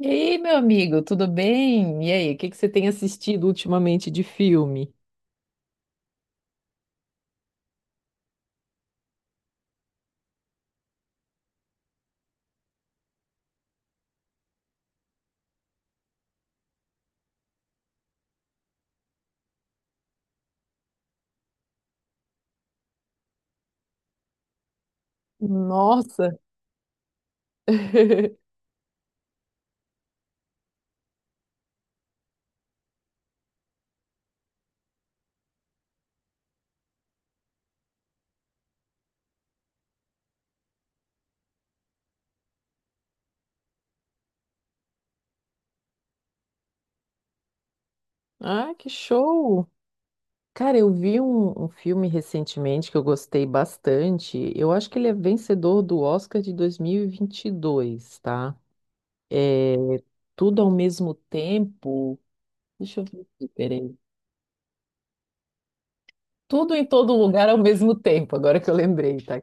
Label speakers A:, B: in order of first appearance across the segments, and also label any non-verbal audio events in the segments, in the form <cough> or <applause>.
A: E aí, meu amigo, tudo bem? E aí, o que que você tem assistido ultimamente de filme? Nossa! <laughs> Ah, que show! Cara, eu vi um filme recentemente que eu gostei bastante. Eu acho que ele é vencedor do Oscar de dois mil e vinte e dois, tá? É tudo ao mesmo tempo. Deixa eu ver aqui, peraí. Tudo em todo lugar ao mesmo tempo, agora que eu lembrei, tá?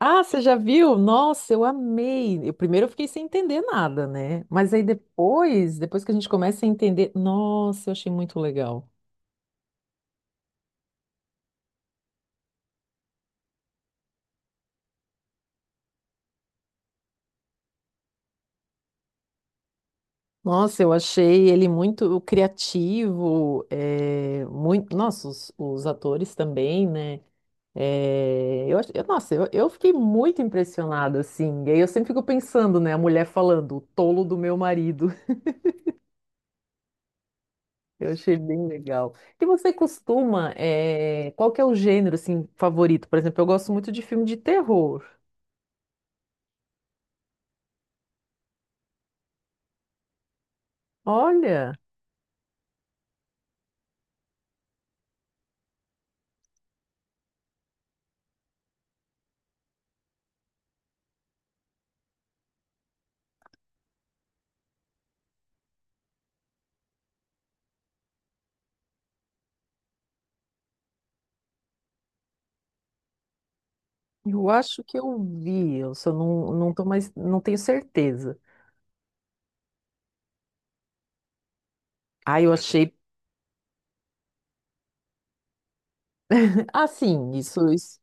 A: Ah, você já viu? Nossa, eu amei. Eu primeiro eu fiquei sem entender nada, né? Mas aí depois, depois que a gente começa a entender, nossa, eu achei muito legal. Nossa, eu achei ele muito criativo, é, muito, nossa, os atores também, né? Nossa, eu fiquei muito impressionada, assim. E aí eu sempre fico pensando, né? A mulher falando, o tolo do meu marido. Eu achei bem legal. E você costuma, qual que é o gênero assim favorito? Por exemplo, eu gosto muito de filme de terror. Olha, eu acho que eu vi, eu só não, não tô mais, não tenho certeza. Ah, eu achei, ah, sim, isso, isso.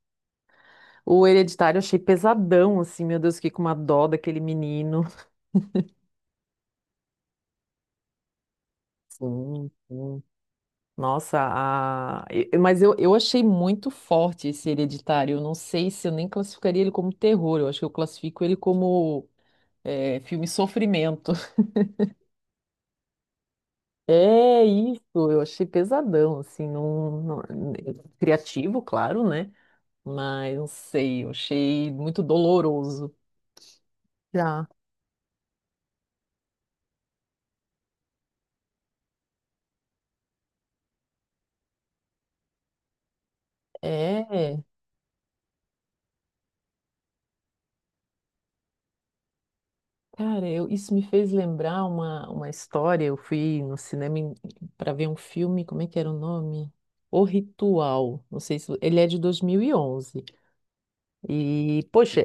A: O Hereditário eu achei pesadão, assim, meu Deus, fiquei com uma dó daquele menino. Sim, sim. Mas eu achei muito forte esse Hereditário. Eu não sei se eu nem classificaria ele como terror, eu acho que eu classifico ele como é, filme Sofrimento. <laughs> É isso, eu achei pesadão, assim, criativo, claro, né? Mas não sei, eu achei muito doloroso. Já. É, cara, isso me fez lembrar uma história. Eu fui no cinema para ver um filme, como é que era o nome? O Ritual. Não sei se ele é de 2011. E, onze. E, poxa,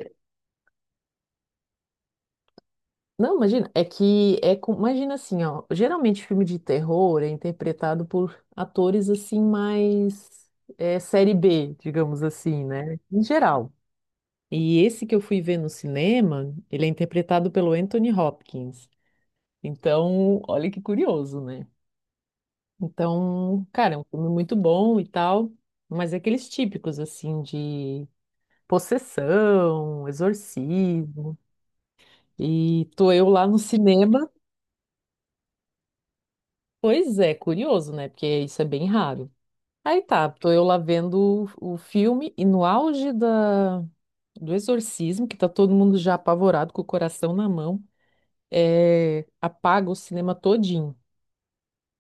A: não, imagina, é que é com, imagina assim, ó, geralmente filme de terror é interpretado por atores assim mais é, série B, digamos assim, né? Em geral. E esse que eu fui ver no cinema, ele é interpretado pelo Anthony Hopkins. Então, olha que curioso, né? Então, cara, é um filme muito bom e tal, mas é aqueles típicos assim de possessão, exorcismo. E tô eu lá no cinema. Pois é, curioso, né? Porque isso é bem raro. Aí tá, tô eu lá vendo o filme e no auge da, do exorcismo, que tá todo mundo já apavorado com o coração na mão, apaga o cinema todinho,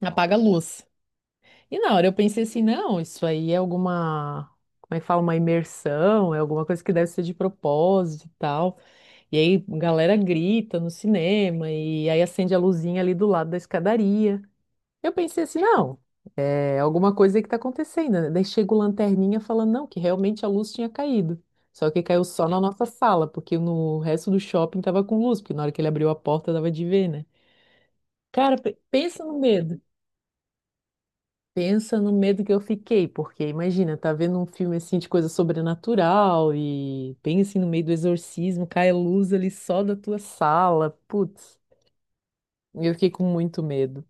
A: apaga a luz. E na hora eu pensei assim, não, isso aí é alguma, como é que fala, uma imersão, é alguma coisa que deve ser de propósito e tal. E aí a galera grita no cinema e aí acende a luzinha ali do lado da escadaria. Eu pensei assim, não. É alguma coisa aí que tá acontecendo, né? Daí chega o lanterninha falando, não, que realmente a luz tinha caído. Só que caiu só na nossa sala, porque no resto do shopping tava com luz, porque na hora que ele abriu a porta dava de ver, né? Cara, pensa no medo. Pensa no medo que eu fiquei, porque imagina, tá vendo um filme assim de coisa sobrenatural e pensa assim, no meio do exorcismo, cai a luz ali só da tua sala. Putz, eu fiquei com muito medo.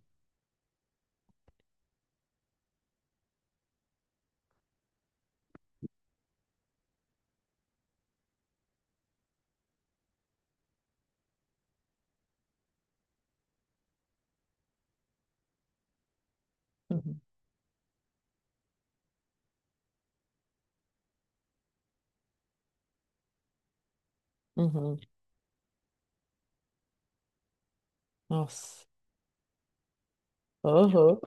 A: Uhum. Uhum. Nossa. Aham.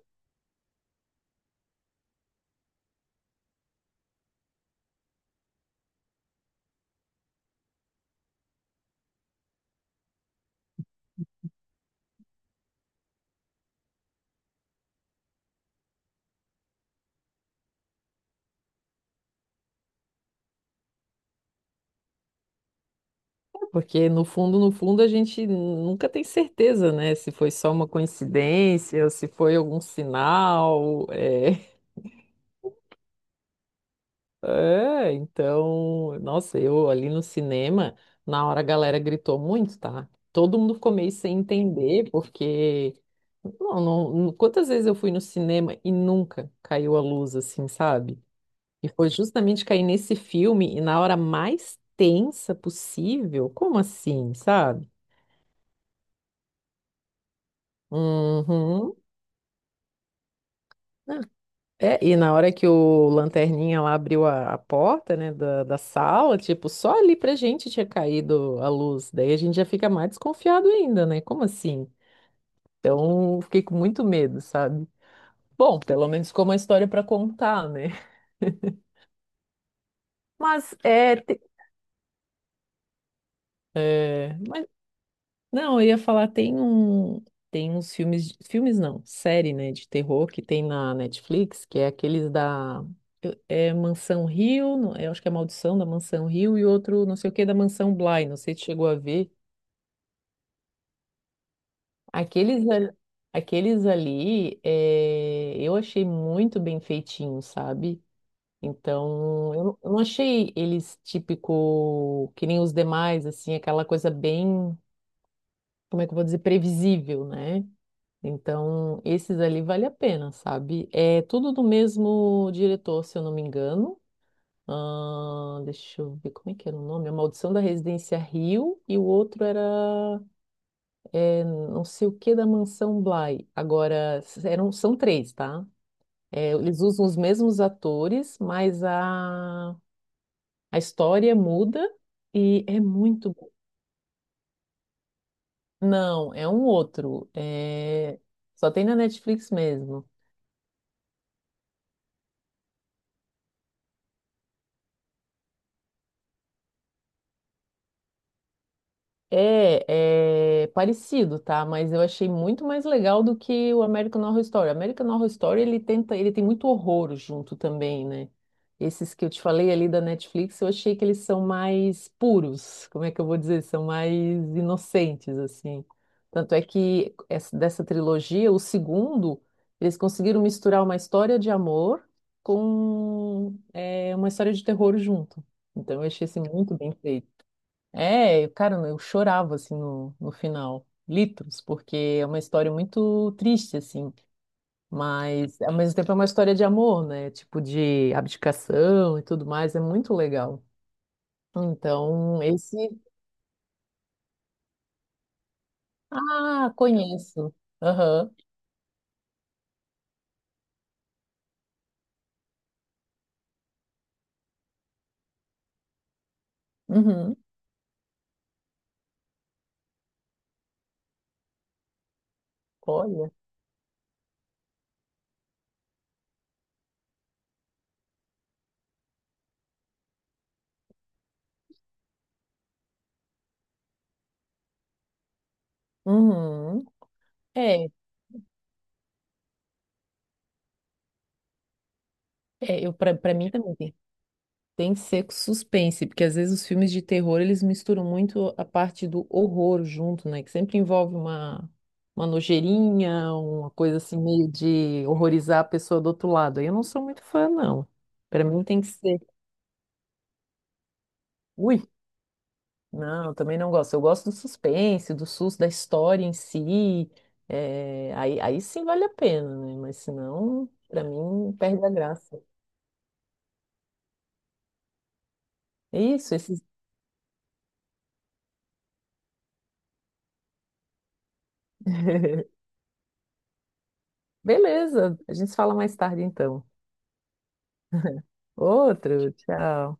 A: Porque no fundo, no fundo, a gente nunca tem certeza, né? Se foi só uma coincidência, ou se foi algum sinal. É. É, então, nossa, eu ali no cinema, na hora a galera gritou muito, tá? Todo mundo ficou meio sem entender, porque quantas vezes eu fui no cinema e nunca caiu a luz assim, sabe? E foi justamente cair nesse filme e na hora mais tensa possível. Como assim, sabe? Uhum. É, e na hora que o lanterninha lá abriu a porta, né, da sala, tipo, só ali pra gente tinha caído a luz. Daí a gente já fica mais desconfiado ainda, né? Como assim? Então, fiquei com muito medo, sabe? Bom, pelo menos ficou uma história pra contar, né? Mas é, te- <laughs> é, mas Não, eu ia falar, tem um, tem uns filmes, filmes não, série, né, de terror que tem na Netflix, que é aqueles da é Mansão Rio, eu acho que é Maldição da Mansão Rio e outro não sei o que da Mansão Bly, não sei se chegou a ver. Aqueles, al- aqueles ali, é, eu achei muito bem feitinho, sabe? Então, eu não achei eles típico que nem os demais, assim, aquela coisa bem, como é que eu vou dizer, previsível, né? Então, esses ali vale a pena, sabe? É tudo do mesmo diretor, se eu não me engano. Deixa eu ver como é que era o nome. A Maldição da Residência Rio e o outro era é, não sei o que da Mansão Bly. Agora, eram, são três, tá? É, eles usam os mesmos atores, mas a história muda e é muito bom. Não, é um outro. É, só tem na Netflix mesmo. É, é parecido, tá? Mas eu achei muito mais legal do que o American Horror Story. O American Horror Story, ele tenta, ele tem muito horror junto também, né? Esses que eu te falei ali da Netflix, eu achei que eles são mais puros, como é que eu vou dizer? São mais inocentes, assim. Tanto é que dessa trilogia, o segundo, eles conseguiram misturar uma história de amor com é, uma história de terror junto. Então eu achei assim, muito bem feito. É, cara, eu chorava assim no final, litros, porque é uma história muito triste assim, mas ao mesmo tempo é uma história de amor, né? Tipo de abdicação e tudo mais, é muito legal. Então, esse, ah, conheço. Aham. Uhum. Olha. Uhum. É, é, eu para mim também tem. Tem que ser com suspense, porque às vezes os filmes de terror eles misturam muito a parte do horror junto, né? Que sempre envolve uma nojeirinha, uma coisa assim meio de horrorizar a pessoa do outro lado. Aí eu não sou muito fã, não. Pra mim tem que ser. Ui, não, eu também não gosto. Eu gosto do suspense, do susto, da história em si. É, aí sim vale a pena, né? Mas senão, pra mim, perde a graça. É isso, esses. <laughs> Beleza, a gente se fala mais tarde então. Outro, tchau.